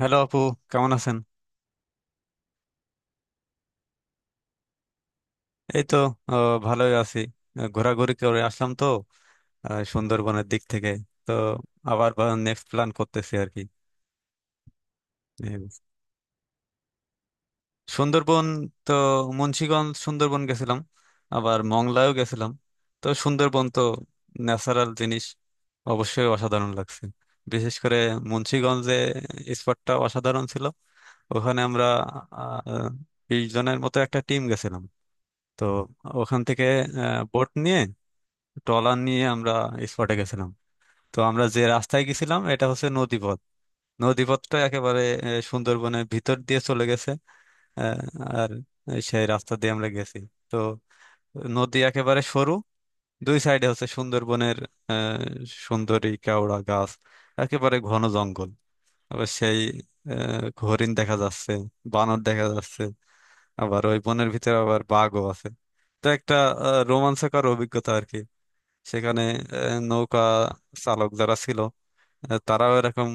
Hello আপু, কেমন আছেন? এই তো ভালোই আছি। ঘোরাঘুরি করে আসলাম তো সুন্দরবনের দিক থেকে। তো আবার নেক্সট প্ল্যান করতেছি আর কি। এই সুন্দরবন তো মুন্সিগঞ্জ সুন্দরবন গেছিলাম, আবার মংলায়ও গেছিলাম। তো সুন্দরবন তো ন্যাচারাল জিনিস, অবশ্যই অসাধারণ লাগছে। বিশেষ করে মুন্সিগঞ্জে স্পটটা অসাধারণ ছিল। ওখানে আমরা আহ, 20 জনের মতো একটা টিম গেছিলাম। তো ওখান থেকে বোট নিয়ে, ট্রলার নিয়ে আমরা স্পটে গেছিলাম। তো আমরা যে রাস্তায় গেছিলাম এটা হচ্ছে নদীপথ। নদীপথটা একেবারে সুন্দরবনের ভিতর দিয়ে চলে গেছে। আহ, আর সেই রাস্তা দিয়ে আমরা গেছি। তো নদী একেবারে সরু, দুই সাইডে হচ্ছে সুন্দরবনের আহ, সুন্দরী কেওড়া গাছ, একেবারে ঘন জঙ্গল। আবার সেই হরিণ দেখা যাচ্ছে, বানর দেখা যাচ্ছে, আবার ওই বনের ভিতরে আবার বাঘও আছে। তো একটা রোমাঞ্চকর অভিজ্ঞতা আর কি। সেখানে নৌকা চালক যারা ছিল, তারাও এরকম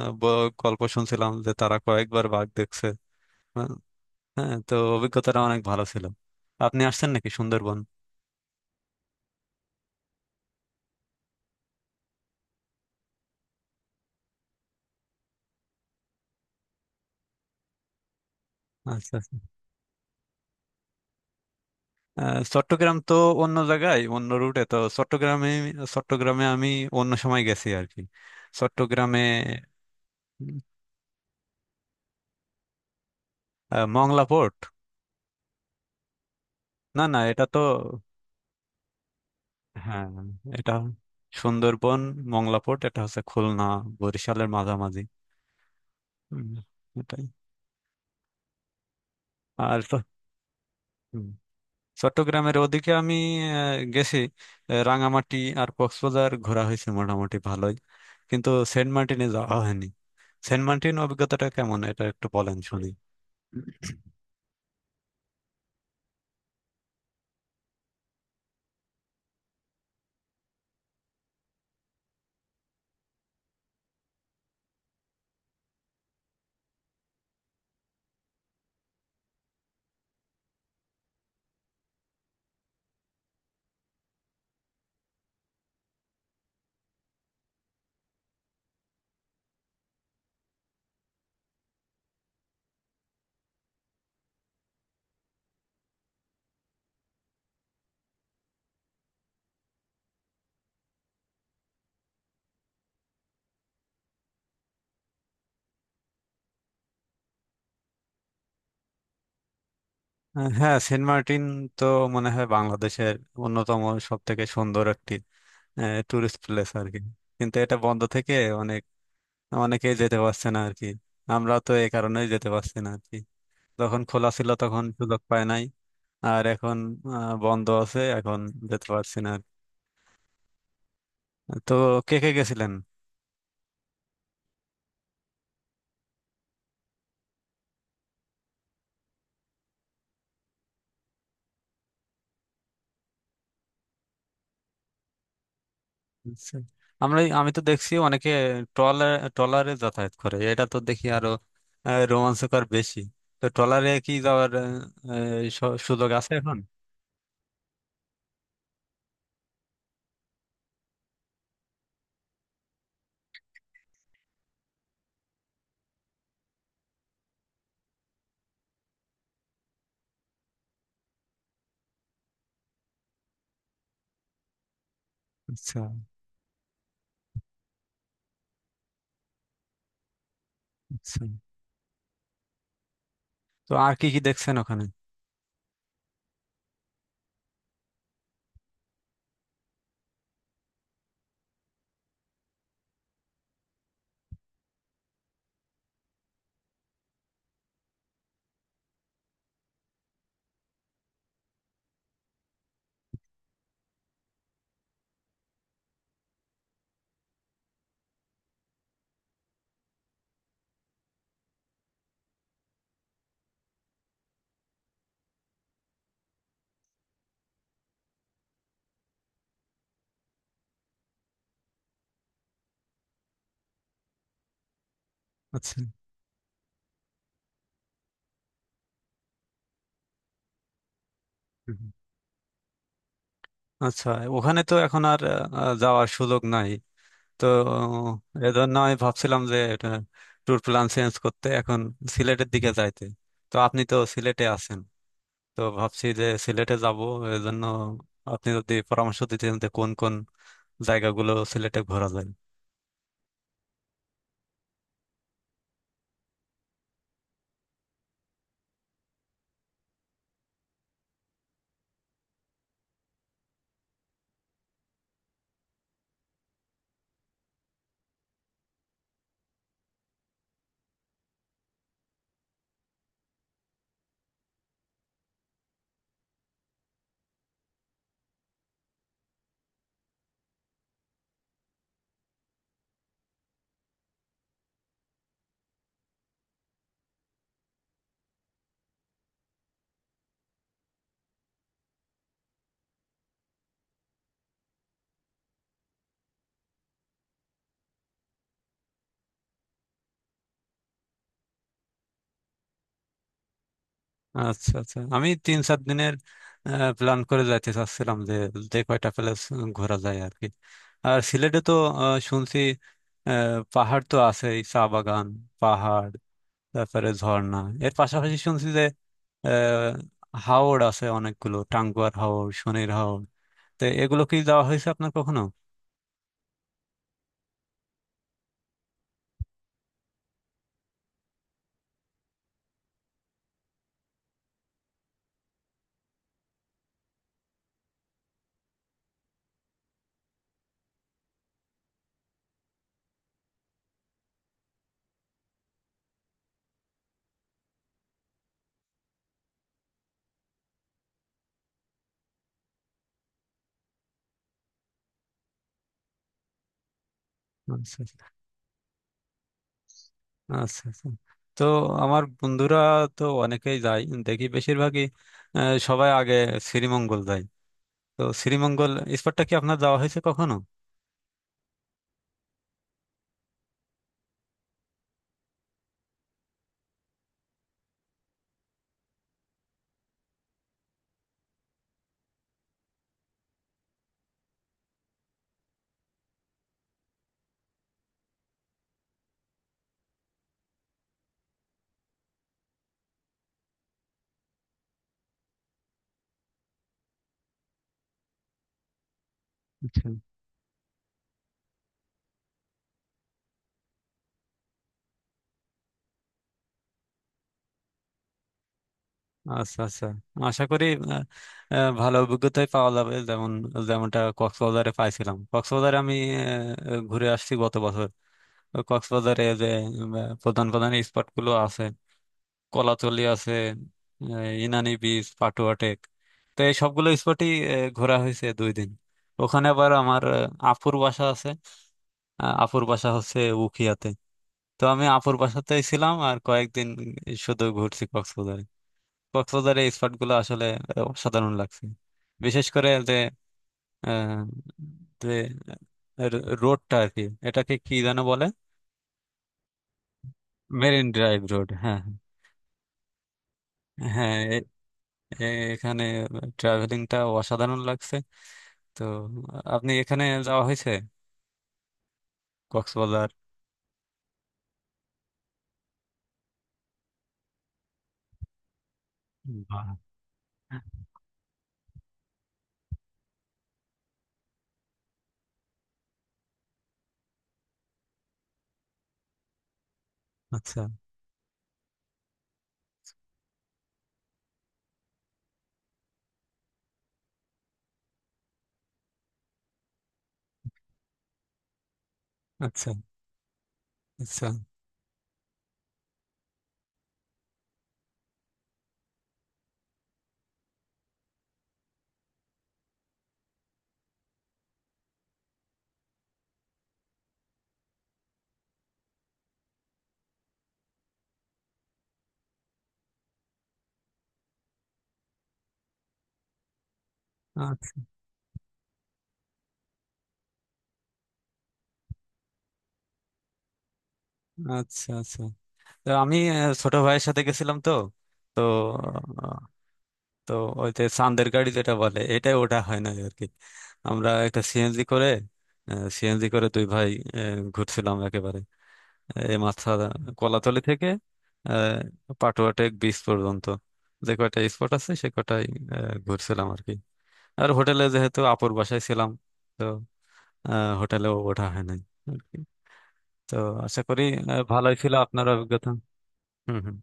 গল্প শুনছিলাম যে তারা কয়েকবার বাঘ দেখছে। হ্যাঁ, হ্যাঁ, তো অভিজ্ঞতাটা অনেক ভালো ছিল। আপনি আসছেন নাকি সুন্দরবন? আচ্ছা, আচ্ছা। চট্টগ্রাম তো অন্য জায়গায়, অন্য রুটে। তো চট্টগ্রামে, আমি অন্য সময় গেছি আর কি। চট্টগ্রামে উম, মংলা পোর্ট। না, না, এটা তো, হ্যাঁ, এটা সুন্দরবন, মংলা পোর্ট। এটা হচ্ছে খুলনা বরিশালের মাঝামাঝি। হুম, এটাই। আর হুম। চট্টগ্রামের ওদিকে আমি গেছি। রাঙামাটি আর কক্সবাজার ঘোরা হয়েছে মোটামুটি ভালোই, কিন্তু সেন্ট মার্টিনে যাওয়া হয়নি। সেন্ট মার্টিন অভিজ্ঞতাটা কেমন, এটা একটু বলেন শুনি। হ্যাঁ, সেন্ট মার্টিন তো মনে হয় বাংলাদেশের অন্যতম সব থেকে সুন্দর একটি টুরিস্ট প্লেস আর কি। কিন্তু এটা বন্ধ থেকে অনেক অনেকেই যেতে পারছে না আর কি। আমরা তো এই কারণেই যেতে পারছি না আর কি। যখন খোলা ছিল তখন সুযোগ পায় নাই। আর এখন বন্ধ আছে এখন, যেতে পারছি না আর। তো কে কে গেছিলেন? আচ্ছা। আমি তো দেখছি অনেকে ট্রলারে যাতায়াত করে, এটা তো দেখি আরো রোমাঞ্চকর বেশি। তো ট্রলারে কি যাওয়ার এই সুযোগ আছে এখন? আচ্ছা, আচ্ছা। তো আর কি কি দেখছেন ওখানে? আচ্ছা। হুম। আচ্ছা। ওখানে তো এখন আর যাওয়ার সুযোগ নাই। তো এজন্য আমি ভাবছিলাম যে এটা ট্যুর প্ল্যান চেঞ্জ করতে, এখন সিলেটের দিকে যাইতে। তো আপনি তো সিলেটে আছেন, তো ভাবছি যে সিলেটে যাব। এজন্য আপনি যদি পরামর্শ দিতেন যে কোন কোন জায়গাগুলো সিলেটে ঘোরা যায়। আচ্ছা, আচ্ছা। আমি 3-4 দিনের প্ল্যান করে যাইতে চাচ্ছিলাম যে যে কয়টা প্লেস ঘোরা যায় আর কি। আর সিলেটে তো শুনছি আহ, পাহাড় তো আছেই, চা বাগান, পাহাড়, তারপরে ঝর্ণা। এর পাশাপাশি শুনছি আহ, হাওর আছে অনেকগুলো, টাঙ্গুয়ার হাওর, শনির হাওর। তো এগুলো কি যাওয়া হয়েছে আপনার কখনো? আচ্ছা, আচ্ছা, আচ্ছা। তো আমার বন্ধুরা তো অনেকেই যায় দেখি, বেশিরভাগই আহ, সবাই আগে শ্রীমঙ্গল যায়। তো শ্রীমঙ্গল স্পটটা কি আপনার যাওয়া হয়েছে কখনো? আচ্ছা, আচ্ছা, আচ্ছা। আশা করি আহ, ভালো অভিজ্ঞতাই পাওয়া যাবে যেমন, যেমনটা কক্সবাজারে পাইছিলাম। কক্সবাজারে আমি ঘুরে আসছি গত বছর। তো কক্সবাজারে যে প্রধান প্রধান স্পট গুলো আছে, কলাতলি আছে, ইনানি বিচ, পাটুয়া টেক। তো এই সবগুলো স্পটই ঘোরা হয়েছে 2 দিন। ওখানে আবার আমার আপুর বাসা আছে। আপুর বাসা হচ্ছে উখিয়াতে। তো আমি আপুর বাসাতেই ছিলাম, আর কয়েকদিন শুধু ঘুরছি কক্সবাজারে। কক্সবাজারে এই স্পট গুলো আসলে অসাধারণ লাগছে। বিশেষ করে যে আহ, যে রোডটা আর কি, এটাকে কি যেন বলে। Marine drive road. হ্যাঁ, হ্যাঁ, হ্যাঁ, এ- এখানে ট্রাভেলিংটা অসাধারণ লাগছে। তো আপনি এখানে যাওয়া হয়েছে কক্সবাজার? বাহ। আচ্ছা। আচ্ছা। আচ্ছা। আচ্ছা। আচ্ছা, আচ্ছা। তো আমি ছোট ভাইয়ের সাথে গেছিলাম। তো তো আহ, তো ওই যে চান্দের গাড়ি যেটা বলে এটাই, ওটা হয় না আর কি। আমরা একটা সিএনজি করে দুই ভাই ঘুরছিলাম, একেবারে এই মাথা কলাতলি থেকে আহ, পাটুয়াটেক বিচ পর্যন্ত যে কয়টা স্পট আছে সে কটাই ঘুরছিলাম আর কি। আর হোটেলে, যেহেতু আপুর বাসায় ছিলাম, তো হোটেলেও ওঠা হয় নাই আর কি। তো আশা করি ভালোই ছিল আপনার অভিজ্ঞতা। হুম, হুম।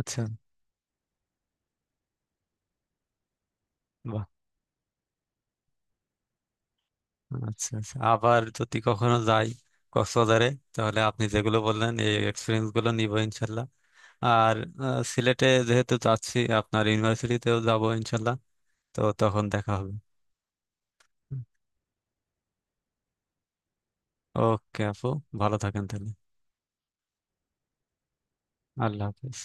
আচ্ছা। বাহ। আচ্ছা, আচ্ছা, আবার যদি কখনো যাই কক্সবাজারে, তাহলে আপনি যেগুলো বললেন এই এক্সপিরিয়েন্স গুলো নিবো ইনশাল্লাহ। আর সিলেটে যেহেতু যাচ্ছি, আপনার ইউনিভার্সিটিতেও যাবো ইনশাল্লাহ। তো তখন দেখা হবে। ওকে আপু, ভালো থাকেন তাহলে। আল্লাহ হাফিজ।